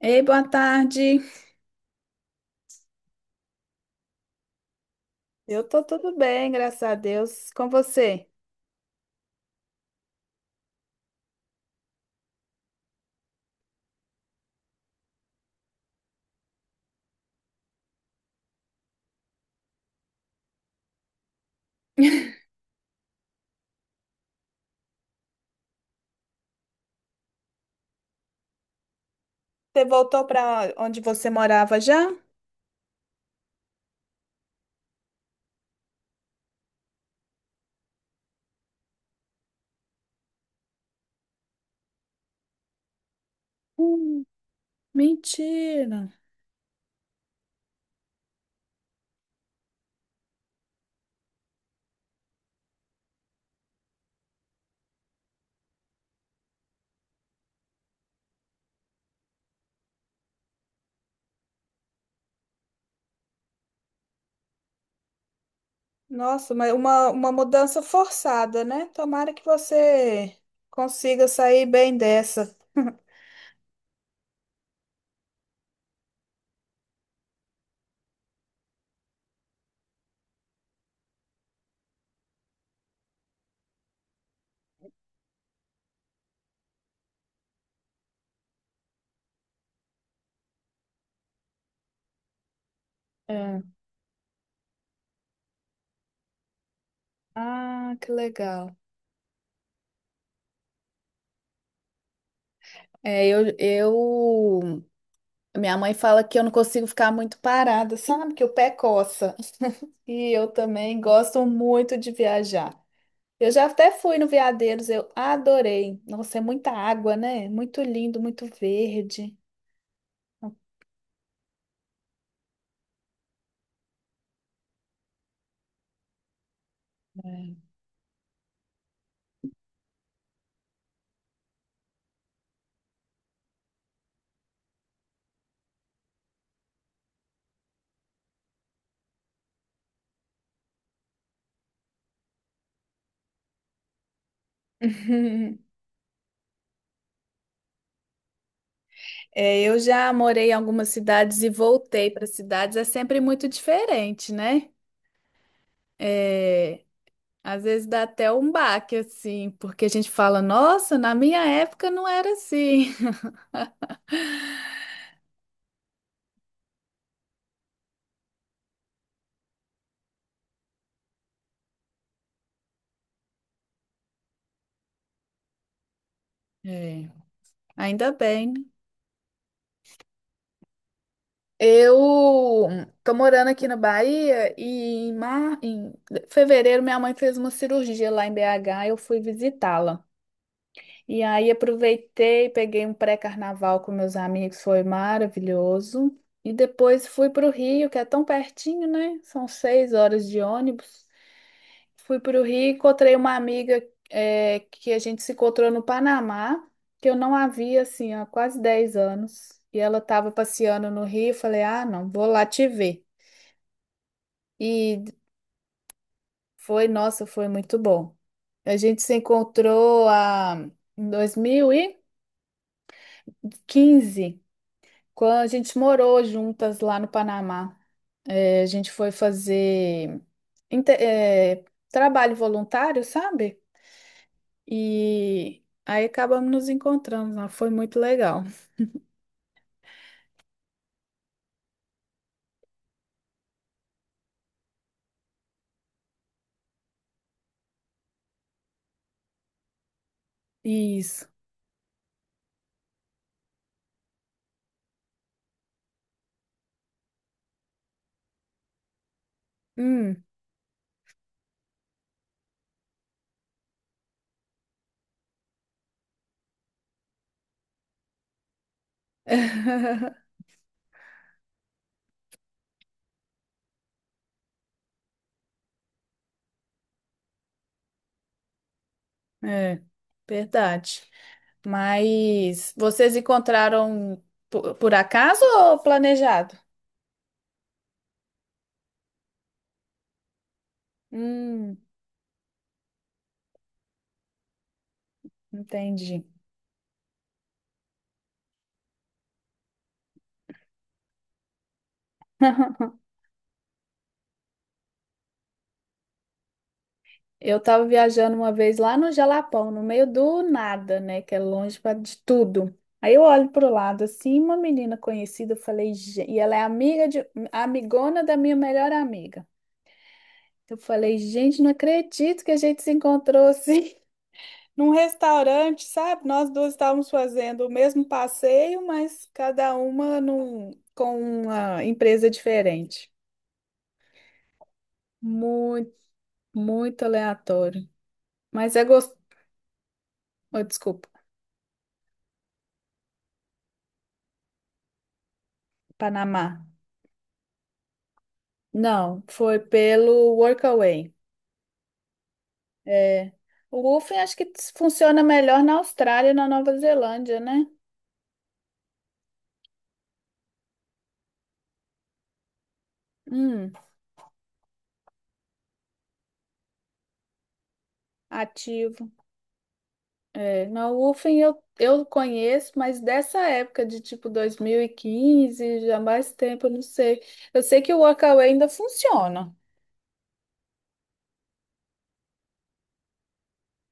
Ei, boa tarde. Eu tô tudo bem, graças a Deus. Com você? Você voltou para onde você morava já? Hum. Mentira. Nossa, mas uma mudança forçada, né? Tomara que você consiga sair bem dessa. É. Ah, que legal. É, eu. Minha mãe fala que eu não consigo ficar muito parada, sabe? Que o pé coça. E eu também gosto muito de viajar. Eu já até fui no Veadeiros, eu adorei. Nossa, é muita água, né? Muito lindo, muito verde. É, eu já morei em algumas cidades e voltei para cidades, é sempre muito diferente, né? É, às vezes dá até um baque, assim, porque a gente fala, nossa, na minha época não era assim. É. Ainda bem, né? Eu tô morando aqui na Bahia e em fevereiro minha mãe fez uma cirurgia lá em BH, eu fui visitá-la. E aí aproveitei, peguei um pré-carnaval com meus amigos, foi maravilhoso. E depois fui para o Rio, que é tão pertinho, né? São 6 horas de ônibus. Fui para o Rio, encontrei uma amiga que a gente se encontrou no Panamá, que eu não havia assim há quase 10 anos. E ela estava passeando no Rio, eu falei, ah, não, vou lá te ver. E foi, nossa, foi muito bom. A gente se encontrou em 2015 quando a gente morou juntas lá no Panamá. É, a gente foi fazer inte- é, trabalho voluntário, sabe? E aí acabamos nos encontrando lá. Foi muito legal. Isso. Hum. É, verdade. Mas vocês encontraram por acaso ou planejado? Hum, entendi. Eu estava viajando uma vez lá no Jalapão, no meio do nada, né? Que é longe de tudo. Aí eu olho pro lado assim, uma menina conhecida, eu falei, "Gen-" e ela é amigona da minha melhor amiga. Eu falei, gente, não acredito que a gente se encontrou assim, num restaurante, sabe? Nós duas estávamos fazendo o mesmo passeio, mas cada uma com uma empresa diferente. Muito, muito aleatório. Mas é gostoso. Desculpa, Panamá. Não, foi pelo Workaway. O Wolfen acho que funciona melhor na Austrália e na Nova Zelândia, né? Hum, ativo. É, na UFEM eu conheço, mas dessa época de tipo 2015 já mais tempo, eu não sei. Eu sei que o Workaway ainda funciona.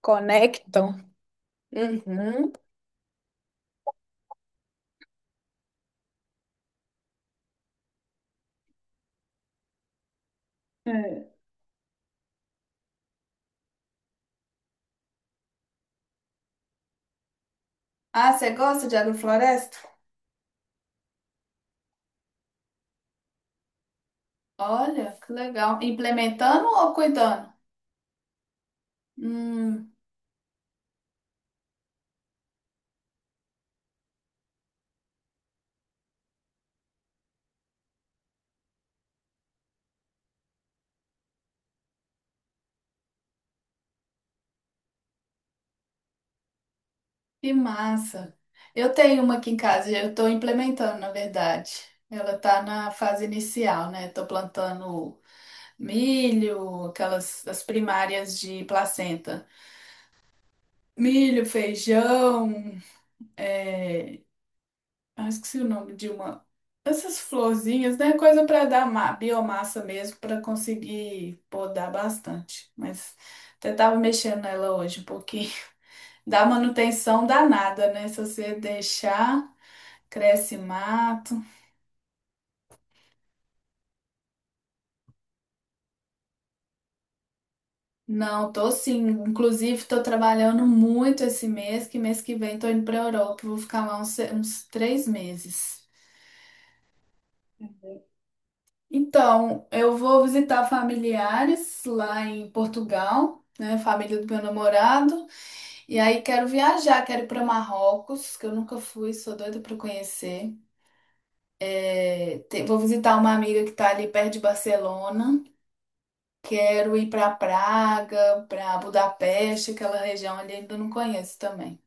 Conectam. Uhum. É. Ah, você gosta de agrofloresta? Olha, que legal. Implementando ou cuidando? Hum, que massa. Eu tenho uma aqui em casa, eu estou implementando, na verdade. Ela está na fase inicial, né? Estou plantando milho, aquelas as primárias de placenta. Milho, feijão, é... ah, esqueci o nome de uma. Essas florzinhas, né? Coisa para dar biomassa mesmo, para conseguir podar bastante. Mas até tava mexendo nela hoje um pouquinho. Dá manutenção danada, né? Se você deixar, cresce mato. Não, tô sim. Inclusive, tô trabalhando muito esse mês que vem tô indo pra Europa. Vou ficar lá uns 3 meses. Então, eu vou visitar familiares lá em Portugal, né? Família do meu namorado. E aí quero viajar, quero ir para Marrocos, que eu nunca fui, sou doida para conhecer. É, vou visitar uma amiga que tá ali perto de Barcelona. Quero ir para Praga, para Budapeste, aquela região ali ainda não conheço também.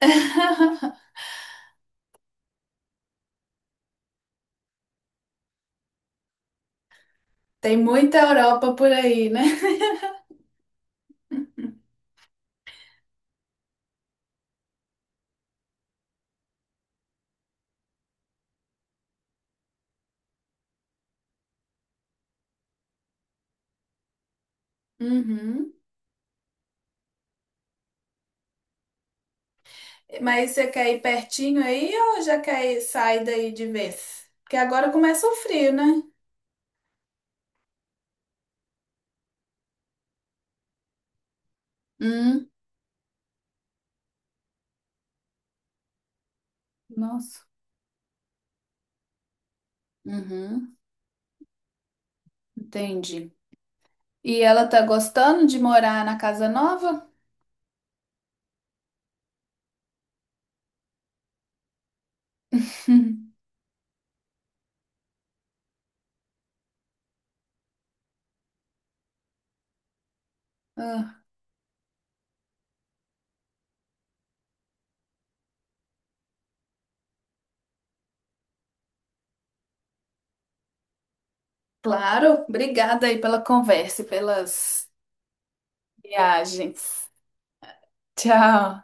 Tem muita Europa por aí, né? Uhum. Mas você quer ir pertinho aí ou já quer ir, sair daí de vez? Porque agora começa o frio, né? Hum, nossa. Uhum, entendi. E ela tá gostando de morar na casa nova? Ah, claro. Obrigada aí pela conversa e pelas viagens. Tchau.